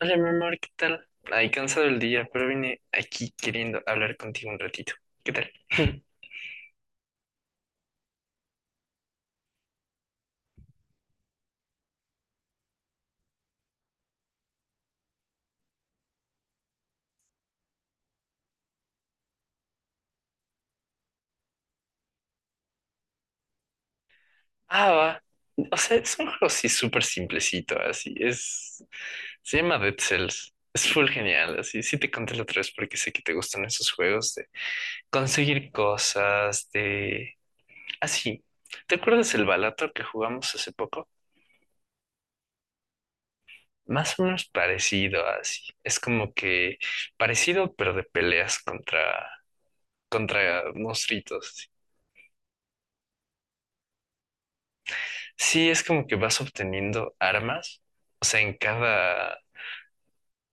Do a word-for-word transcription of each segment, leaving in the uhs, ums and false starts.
Hola, mi amor, ¿qué tal? Ay, cansado el día, pero vine aquí queriendo hablar contigo un ratito. ¿Qué tal? Ah, va. O sea, es un juego así súper simplecito, así. Es... Se llama Dead Cells. Es full genial, así. Sí te conté la otra vez porque sé que te gustan esos juegos de conseguir cosas, de Así, ¿te acuerdas el Balator que jugamos hace poco? Más o menos parecido así. Es como que parecido, pero de peleas contra, contra monstruitos. Así. Sí, es como que vas obteniendo armas. O sea, en cada,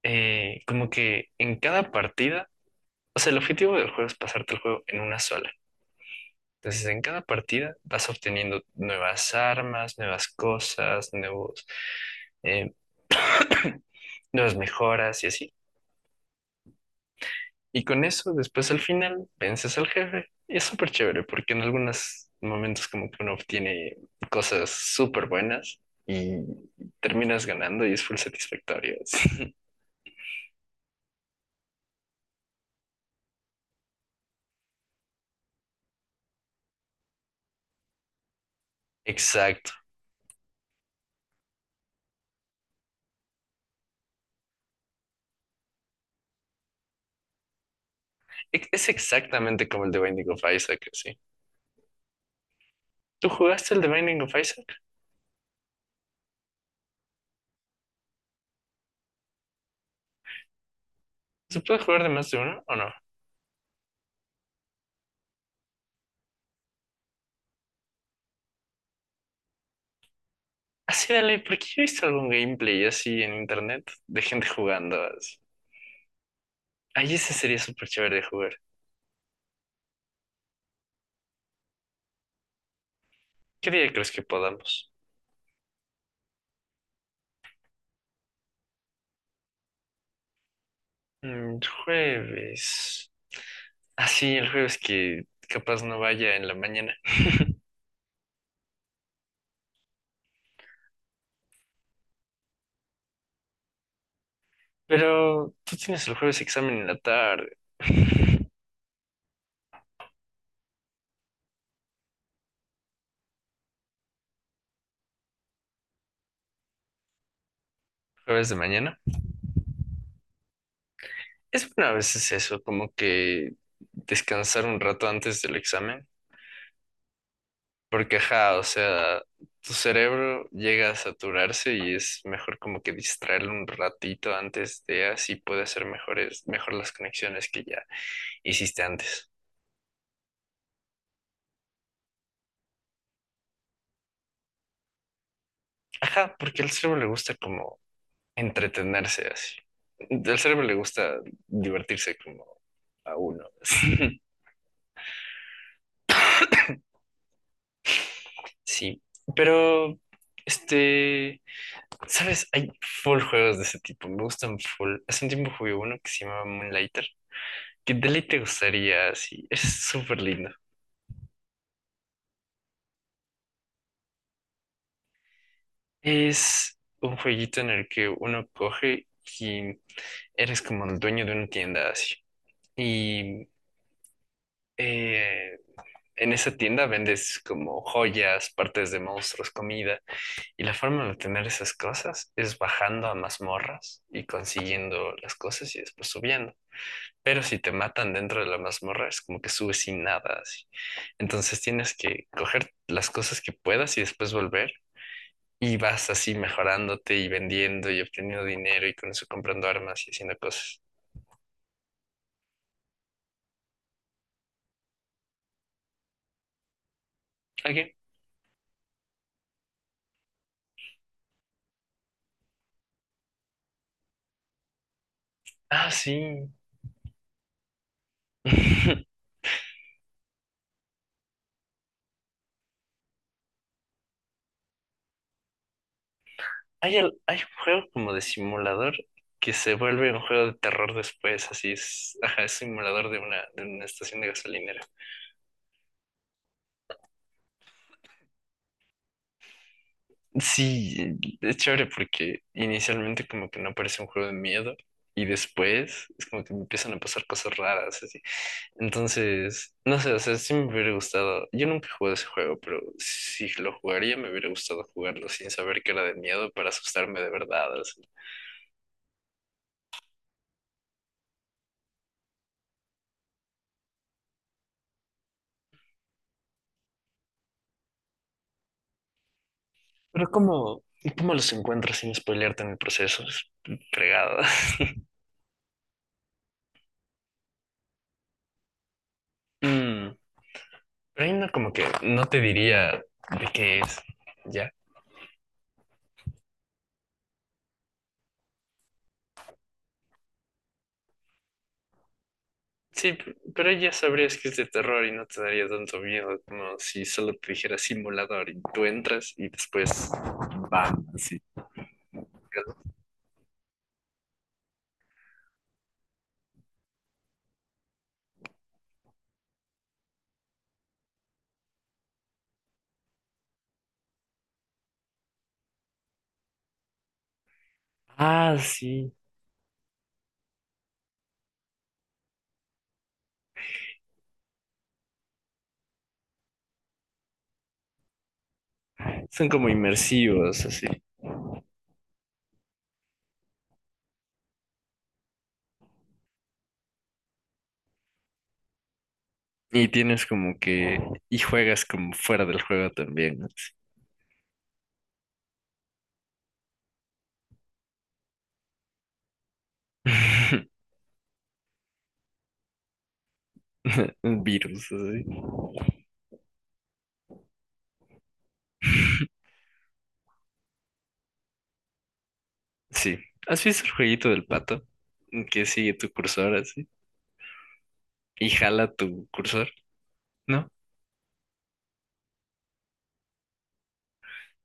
eh, como que en cada partida, o sea, el objetivo del juego es pasarte el juego en una sola. Entonces, en cada partida vas obteniendo nuevas armas, nuevas cosas, nuevos, eh, nuevas mejoras y así. Y con eso, después al final, vences al jefe. Y es súper chévere porque en algunos momentos como que uno obtiene cosas súper buenas y terminas ganando y es full satisfactorio. Sí. Exacto. Ex- Es exactamente como el de Binding of Isaac, sí. ¿Tú jugaste el de Binding of Isaac? ¿Se puede jugar de más de uno o no? Así dale, porque yo he visto algún gameplay así en internet de gente jugando así. Ahí ese sería súper chévere de jugar. ¿Qué día crees que podamos? Mm, jueves. Así, el jueves que capaz no vaya en la mañana. Pero tú tienes el jueves examen en la tarde. Jueves de mañana. Es bueno a veces eso, como que descansar un rato antes del examen. Porque, ajá, o sea, tu cerebro llega a saturarse y es mejor como que distraerlo un ratito antes de así puede hacer mejores, mejor las conexiones que ya hiciste antes. Ajá, porque al cerebro le gusta como entretenerse así. Al cerebro le gusta divertirse como a uno. Sí, pero, este, ¿sabes? Hay full juegos de ese tipo, me gustan full. Hace un tiempo jugué uno que se llamaba Moonlighter. ¿Qué deli te gustaría? Sí, es súper lindo. Es un jueguito en el que uno coge y eres como el dueño de una tienda así. Y eh, en esa tienda vendes como joyas, partes de monstruos, comida. Y la forma de obtener esas cosas es bajando a mazmorras y consiguiendo las cosas y después subiendo. Pero si te matan dentro de la mazmorra, es como que subes sin nada así. Entonces tienes que coger las cosas que puedas y después volver y vas así mejorándote y vendiendo y obteniendo dinero y con eso comprando armas y haciendo cosas. ¿Ok? Ah, sí. Hay, al- hay un juego como de simulador que se vuelve un juego de terror después, así es, ajá, es simulador de una, de una estación de gasolinera. Sí, es chévere porque inicialmente como que no parece un juego de miedo y después es como que me empiezan a pasar cosas raras así. Entonces, no sé, o sea, sí me hubiera gustado. Yo nunca he jugado ese juego, pero si lo jugaría me hubiera gustado jugarlo sin saber que era de miedo para asustarme de verdad. Así. Pero ¿cómo, cómo los encuentras sin spoilearte en el proceso? Es fregado. Mm, pero ahí no como que no te diría de qué es. Ya. Sí, p- pero ya sabrías que es de terror y no te daría tanto miedo como si solo te dijera simulador y tú entras y después van así. Ah, sí. Son como inmersivos, así. Y tienes como que... Y juegas como fuera del juego también. Así. Un virus, así. Sí. ¿Has visto el jueguito del pato? Que sigue tu cursor así. Y jala tu cursor, no.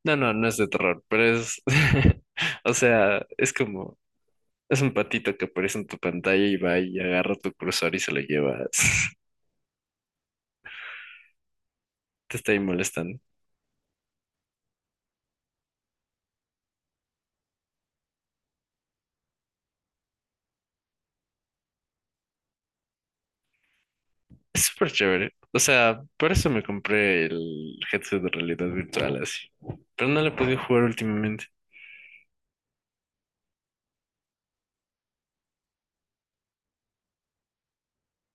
No, no, no es de terror, pero es, o sea, es como, es un patito que aparece en tu pantalla y va y agarra tu cursor y se lo lleva. Te está ahí molestando. Es súper chévere. O sea, por eso me compré el headset de realidad virtual así. Pero no lo he podido jugar últimamente.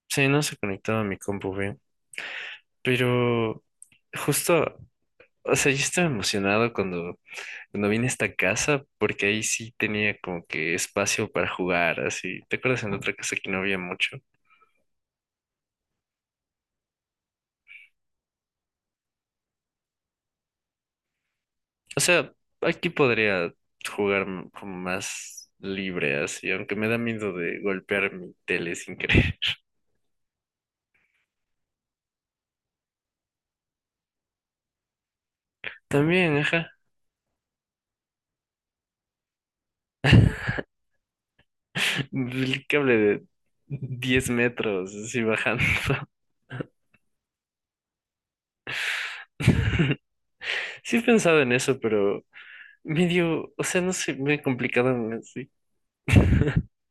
Sí, no se conectaba a mi compu bien. Pero justo, o sea, yo estaba emocionado cuando, cuando vine a esta casa porque ahí sí tenía como que espacio para jugar así. ¿Te acuerdas en otra casa que no había mucho? O sea, aquí podría jugar m- como más libre así, aunque me da miedo de golpear mi tele sin querer. También, ajá, el cable de diez metros así bajando. Sí he pensado en eso, pero medio, o sea, no sé, me complicaban así.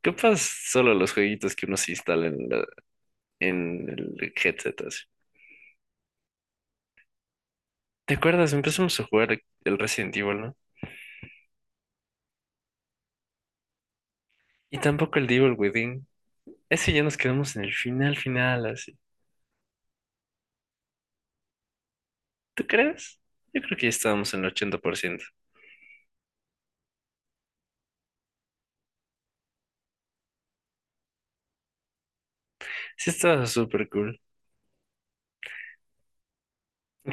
Capaz solo los jueguitos que uno se instala en, la- en el headset así. ¿Te acuerdas? Empezamos a jugar el Resident Evil, ¿no? Y tampoco el Devil Within. Ese ya nos quedamos en el final, final, así. ¿Tú crees? Yo creo que ya estábamos en el ochenta por ciento. Sí, estaba súper cool.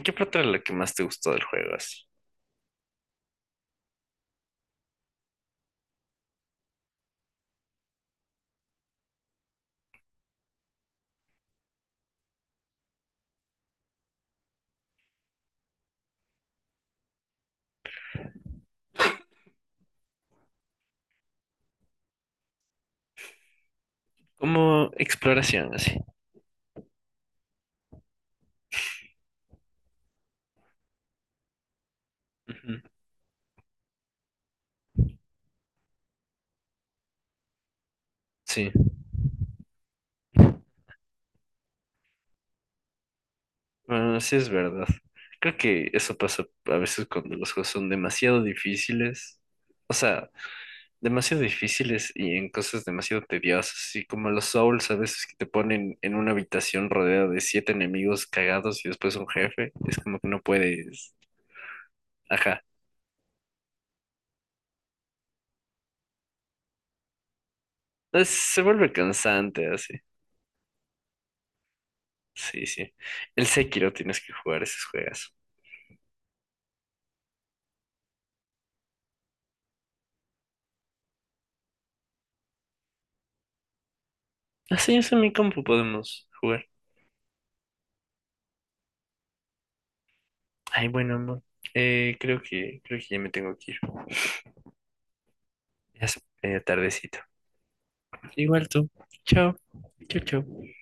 ¿Qué parte era la que más te gustó del juego, así? Como exploración, así. Ujú. Sí, bueno, sí es verdad. Creo que eso pasa a veces cuando los juegos son demasiado difíciles. O sea, demasiado difíciles y en cosas demasiado tediosas, así como los Souls a veces que te ponen en una habitación rodeada de siete enemigos cagados y después un jefe. Es como que no puedes. Ajá. Es- se vuelve cansante así. Sí, sí. El Sekiro tienes que jugar esos juegos. Así es, en mi compu podemos jugar. Ay, bueno, amor. Eh, creo que, creo que ya me tengo que ir. Ya es eh, tardecito. Igual tú. Chao. Chao, chao.